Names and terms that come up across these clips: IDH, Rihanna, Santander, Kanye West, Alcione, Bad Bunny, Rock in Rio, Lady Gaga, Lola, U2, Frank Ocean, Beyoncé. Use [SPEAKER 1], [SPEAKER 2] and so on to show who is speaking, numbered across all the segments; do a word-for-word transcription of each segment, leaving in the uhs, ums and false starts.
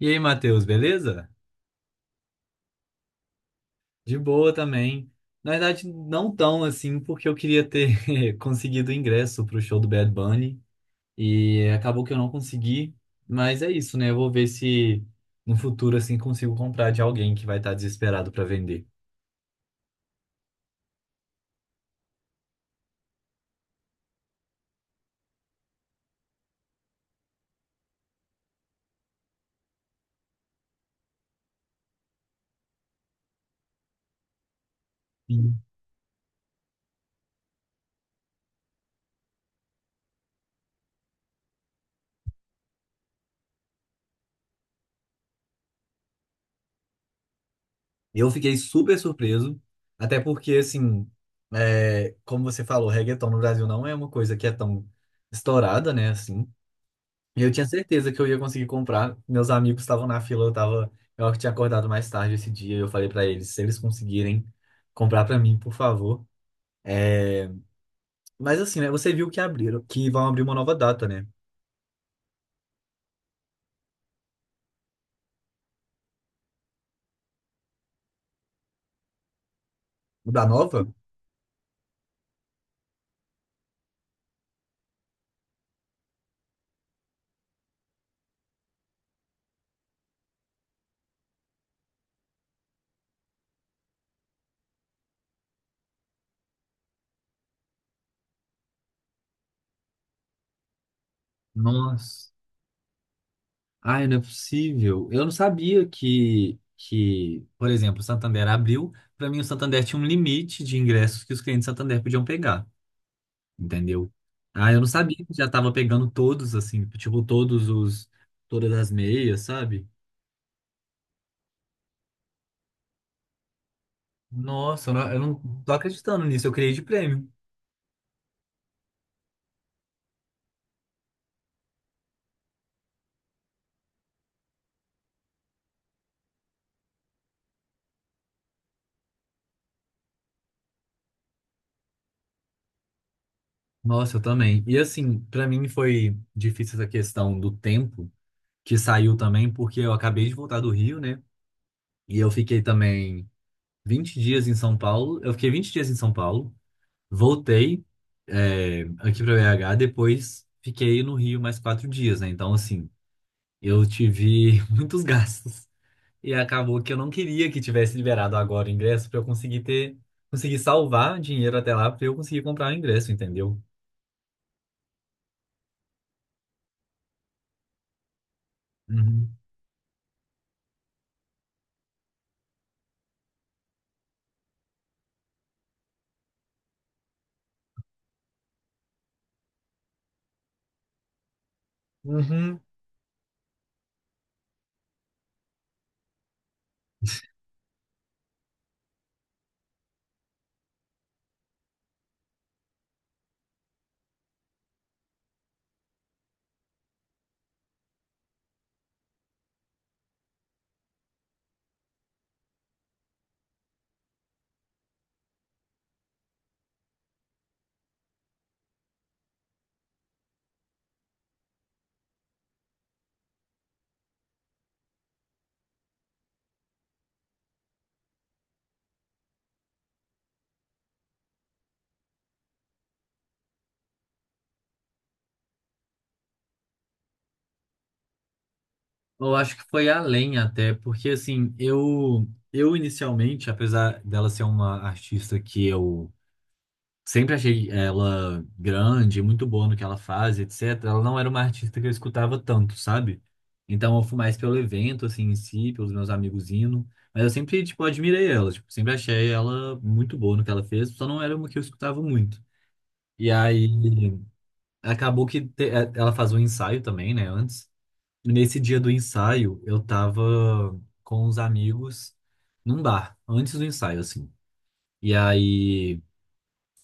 [SPEAKER 1] E aí, Matheus, beleza? De boa também. Na verdade, não tão assim, porque eu queria ter conseguido ingresso pro show do Bad Bunny e acabou que eu não consegui. Mas é isso, né? Eu vou ver se no futuro assim consigo comprar de alguém que vai estar desesperado para vender. Sim. Eu fiquei super surpreso, até porque assim, é, como você falou, reggaeton no Brasil não é uma coisa que é tão estourada, né? Assim. Eu tinha certeza que eu ia conseguir comprar. Meus amigos estavam na fila, eu tava, eu acho que tinha acordado mais tarde esse dia. Eu falei pra eles, se eles conseguirem comprar pra mim, por favor. É, mas assim, né? Você viu que abriram, que vão abrir uma nova data, né? Da nova? Nossa. Ai, não é possível. Eu não sabia que, que, por exemplo, o Santander abriu. Pra mim, o Santander tinha um limite de ingressos que os clientes do Santander podiam pegar. Entendeu? Ah, eu não sabia que já tava pegando todos, assim, tipo, todos os, todas as meias, sabe? Nossa, eu não, eu não tô acreditando nisso, eu criei de prêmio. Nossa, eu também. E assim, pra mim foi difícil essa questão do tempo que saiu também, porque eu acabei de voltar do Rio, né? E eu fiquei também vinte dias em São Paulo. Eu fiquei vinte dias em São Paulo, voltei, é, aqui pra B H, depois fiquei no Rio mais quatro dias, né? Então, assim, eu tive muitos gastos. E acabou que eu não queria que tivesse liberado agora o ingresso para eu conseguir ter, conseguir salvar dinheiro até lá para eu conseguir comprar o ingresso, entendeu? Uhum. Uhum. Eu acho que foi além até, porque assim, eu eu inicialmente, apesar dela ser uma artista que eu sempre achei ela grande, muito boa no que ela faz, et cetera. Ela não era uma artista que eu escutava tanto, sabe? Então eu fui mais pelo evento, assim, em si, pelos meus amigos indo. Mas eu sempre, tipo, admirei ela. Tipo, sempre achei ela muito boa no que ela fez, só não era uma que eu escutava muito. E aí acabou que te- é, ela faz um ensaio também, né, antes. E nesse dia do ensaio, eu tava com os amigos num bar, antes do ensaio, assim. E aí.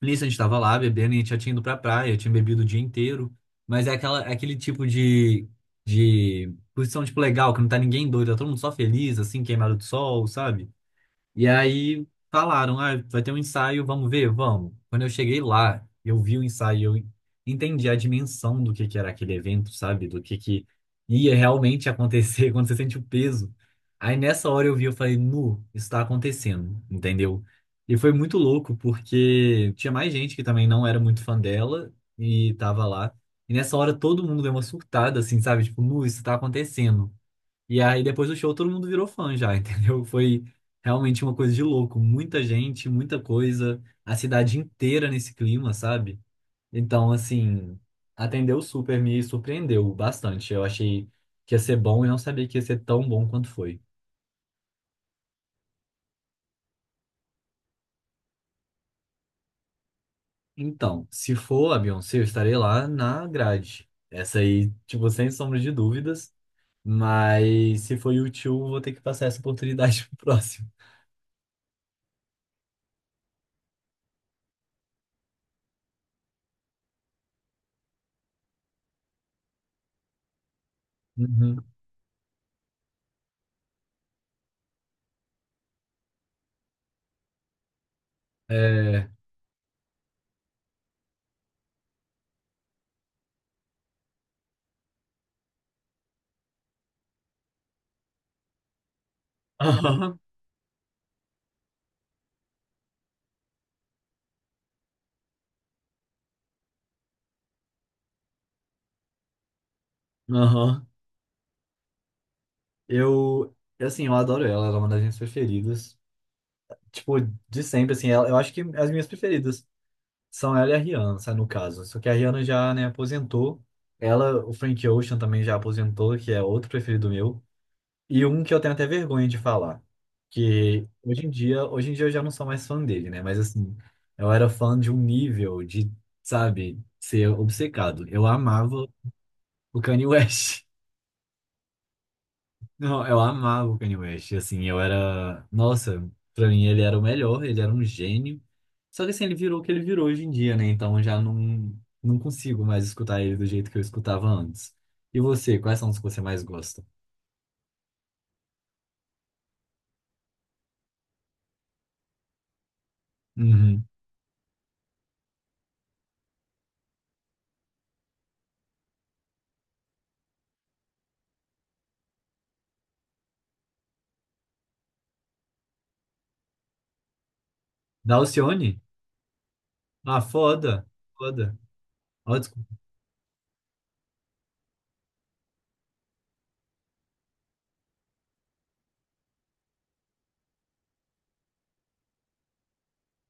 [SPEAKER 1] Nisso a gente tava lá bebendo e a gente já tinha ido pra praia, tinha bebido o dia inteiro. Mas é aquela, é aquele tipo de, de posição, tipo, legal, que não tá ninguém doido, tá todo mundo só feliz, assim, queimado de sol, sabe? E aí falaram, ah, vai ter um ensaio, vamos ver, vamos. Quando eu cheguei lá, eu vi o ensaio, eu entendi a dimensão do que que era aquele evento, sabe? Do que que ia realmente acontecer quando você sente o peso. Aí nessa hora eu vi, eu falei, nu, isso tá acontecendo, entendeu? E foi muito louco, porque tinha mais gente que também não era muito fã dela e tava lá. E nessa hora todo mundo deu uma surtada, assim, sabe? Tipo, nu, isso tá acontecendo. E aí, depois do show, todo mundo virou fã já, entendeu? Foi realmente uma coisa de louco. Muita gente, muita coisa, a cidade inteira nesse clima, sabe? Então, assim, atendeu super, me surpreendeu bastante. Eu achei que ia ser bom e não sabia que ia ser tão bom quanto foi. Então, se for a Beyoncé, eu estarei lá na grade. Essa aí, tipo, sem sombra de dúvidas. Mas se for U dois, vou ter que passar essa oportunidade pro próximo. Uhum. É. Aham. Aham. Eu, assim, eu adoro ela, ela é uma das minhas preferidas. Tipo, de sempre, assim, ela, eu acho que as minhas preferidas são ela e a Rihanna, sabe, no caso. Só que a Rihanna já, né, aposentou. Ela, o Frank Ocean também já aposentou, que é outro preferido meu. E um que eu tenho até vergonha de falar, que hoje em dia, hoje em dia eu já não sou mais fã dele, né? Mas assim, eu era fã de um nível de, sabe, ser obcecado. Eu amava o Kanye West. Não, eu amava o Kanye West, assim, eu era... Nossa, pra mim ele era o melhor, ele era um gênio. Só que assim, ele virou o que ele virou hoje em dia, né? Então eu já não, não consigo mais escutar ele do jeito que eu escutava antes. E você, quais são os que você mais gosta? Uhum. Da Alcione? Ah, foda, foda. Ó, desculpa.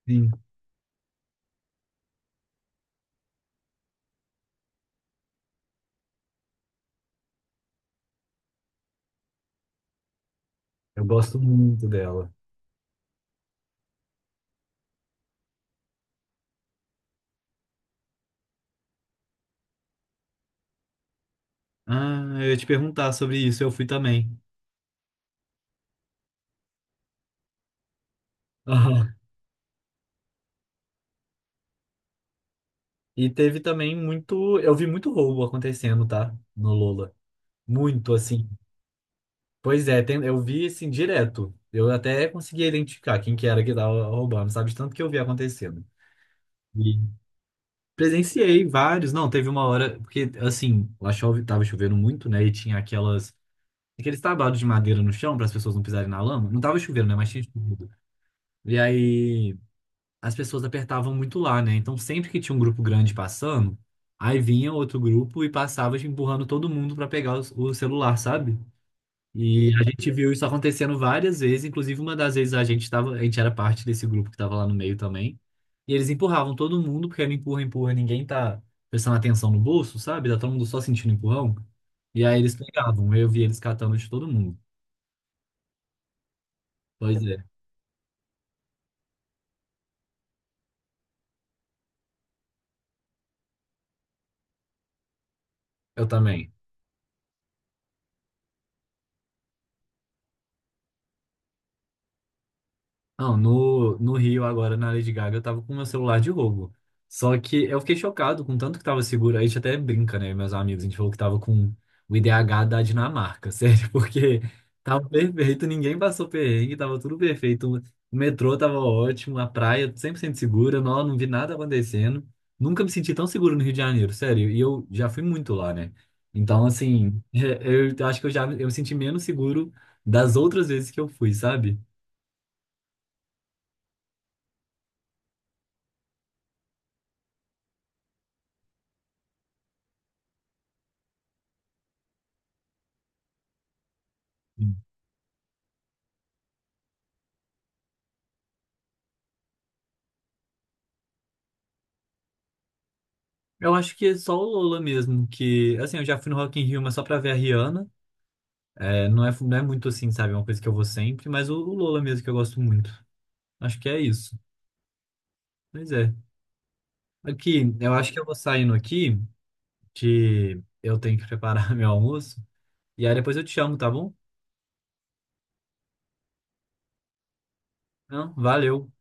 [SPEAKER 1] Sim, eu gosto muito dela. Ah, eu ia te perguntar sobre isso, eu fui também. Aham. E teve também muito... Eu vi muito roubo acontecendo, tá? No Lola. Muito, assim. Pois é, tem- eu vi assim direto. Eu até conseguia identificar quem que era que tava roubando, sabe? De tanto que eu vi acontecendo. E presenciei vários. Não, teve uma hora, porque assim, lá chove, tava chovendo muito, né? E tinha aquelas, aqueles tabados de madeira no chão para as pessoas não pisarem na lama. Não tava chovendo, né? Mas tinha chovido. E aí as pessoas apertavam muito lá, né? Então sempre que tinha um grupo grande passando, aí vinha outro grupo e passava tipo, empurrando todo mundo para pegar os- o celular, sabe? E a gente viu isso acontecendo várias vezes, inclusive uma das vezes a gente tava, a gente era parte desse grupo que estava lá no meio também. E eles empurravam todo mundo, porque era empurra, empurra, ninguém tá prestando atenção no bolso, sabe? Tá todo mundo só sentindo empurrão. E aí eles pegavam, eu vi eles catando de todo mundo. Pois é, eu também. Não, no, no Rio, agora na Lady Gaga, eu tava com meu celular de roubo. Só que eu fiquei chocado com o tanto que tava seguro. A gente até brinca, né, meus amigos? A gente falou que tava com o I D H da Dinamarca, sério, porque tava perfeito, ninguém passou perrengue, tava tudo perfeito. O metrô tava ótimo, a praia cem por cento segura, não, não vi nada acontecendo. Nunca me senti tão seguro no Rio de Janeiro, sério. E eu já fui muito lá, né? Então, assim, eu acho que eu já eu me senti menos seguro das outras vezes que eu fui, sabe? Eu acho que é só o Lola mesmo, que, assim, eu já fui no Rock in Rio, mas só pra ver a Rihanna. É, não é, não é muito assim, sabe? É uma coisa que eu vou sempre, mas o, o Lola mesmo que eu gosto muito. Acho que é isso. Pois é. Aqui, eu acho que eu vou saindo aqui, que eu tenho que preparar meu almoço. E aí depois eu te chamo, tá bom? Não, valeu.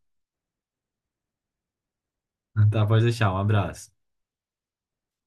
[SPEAKER 1] Tá, pode deixar. Um abraço.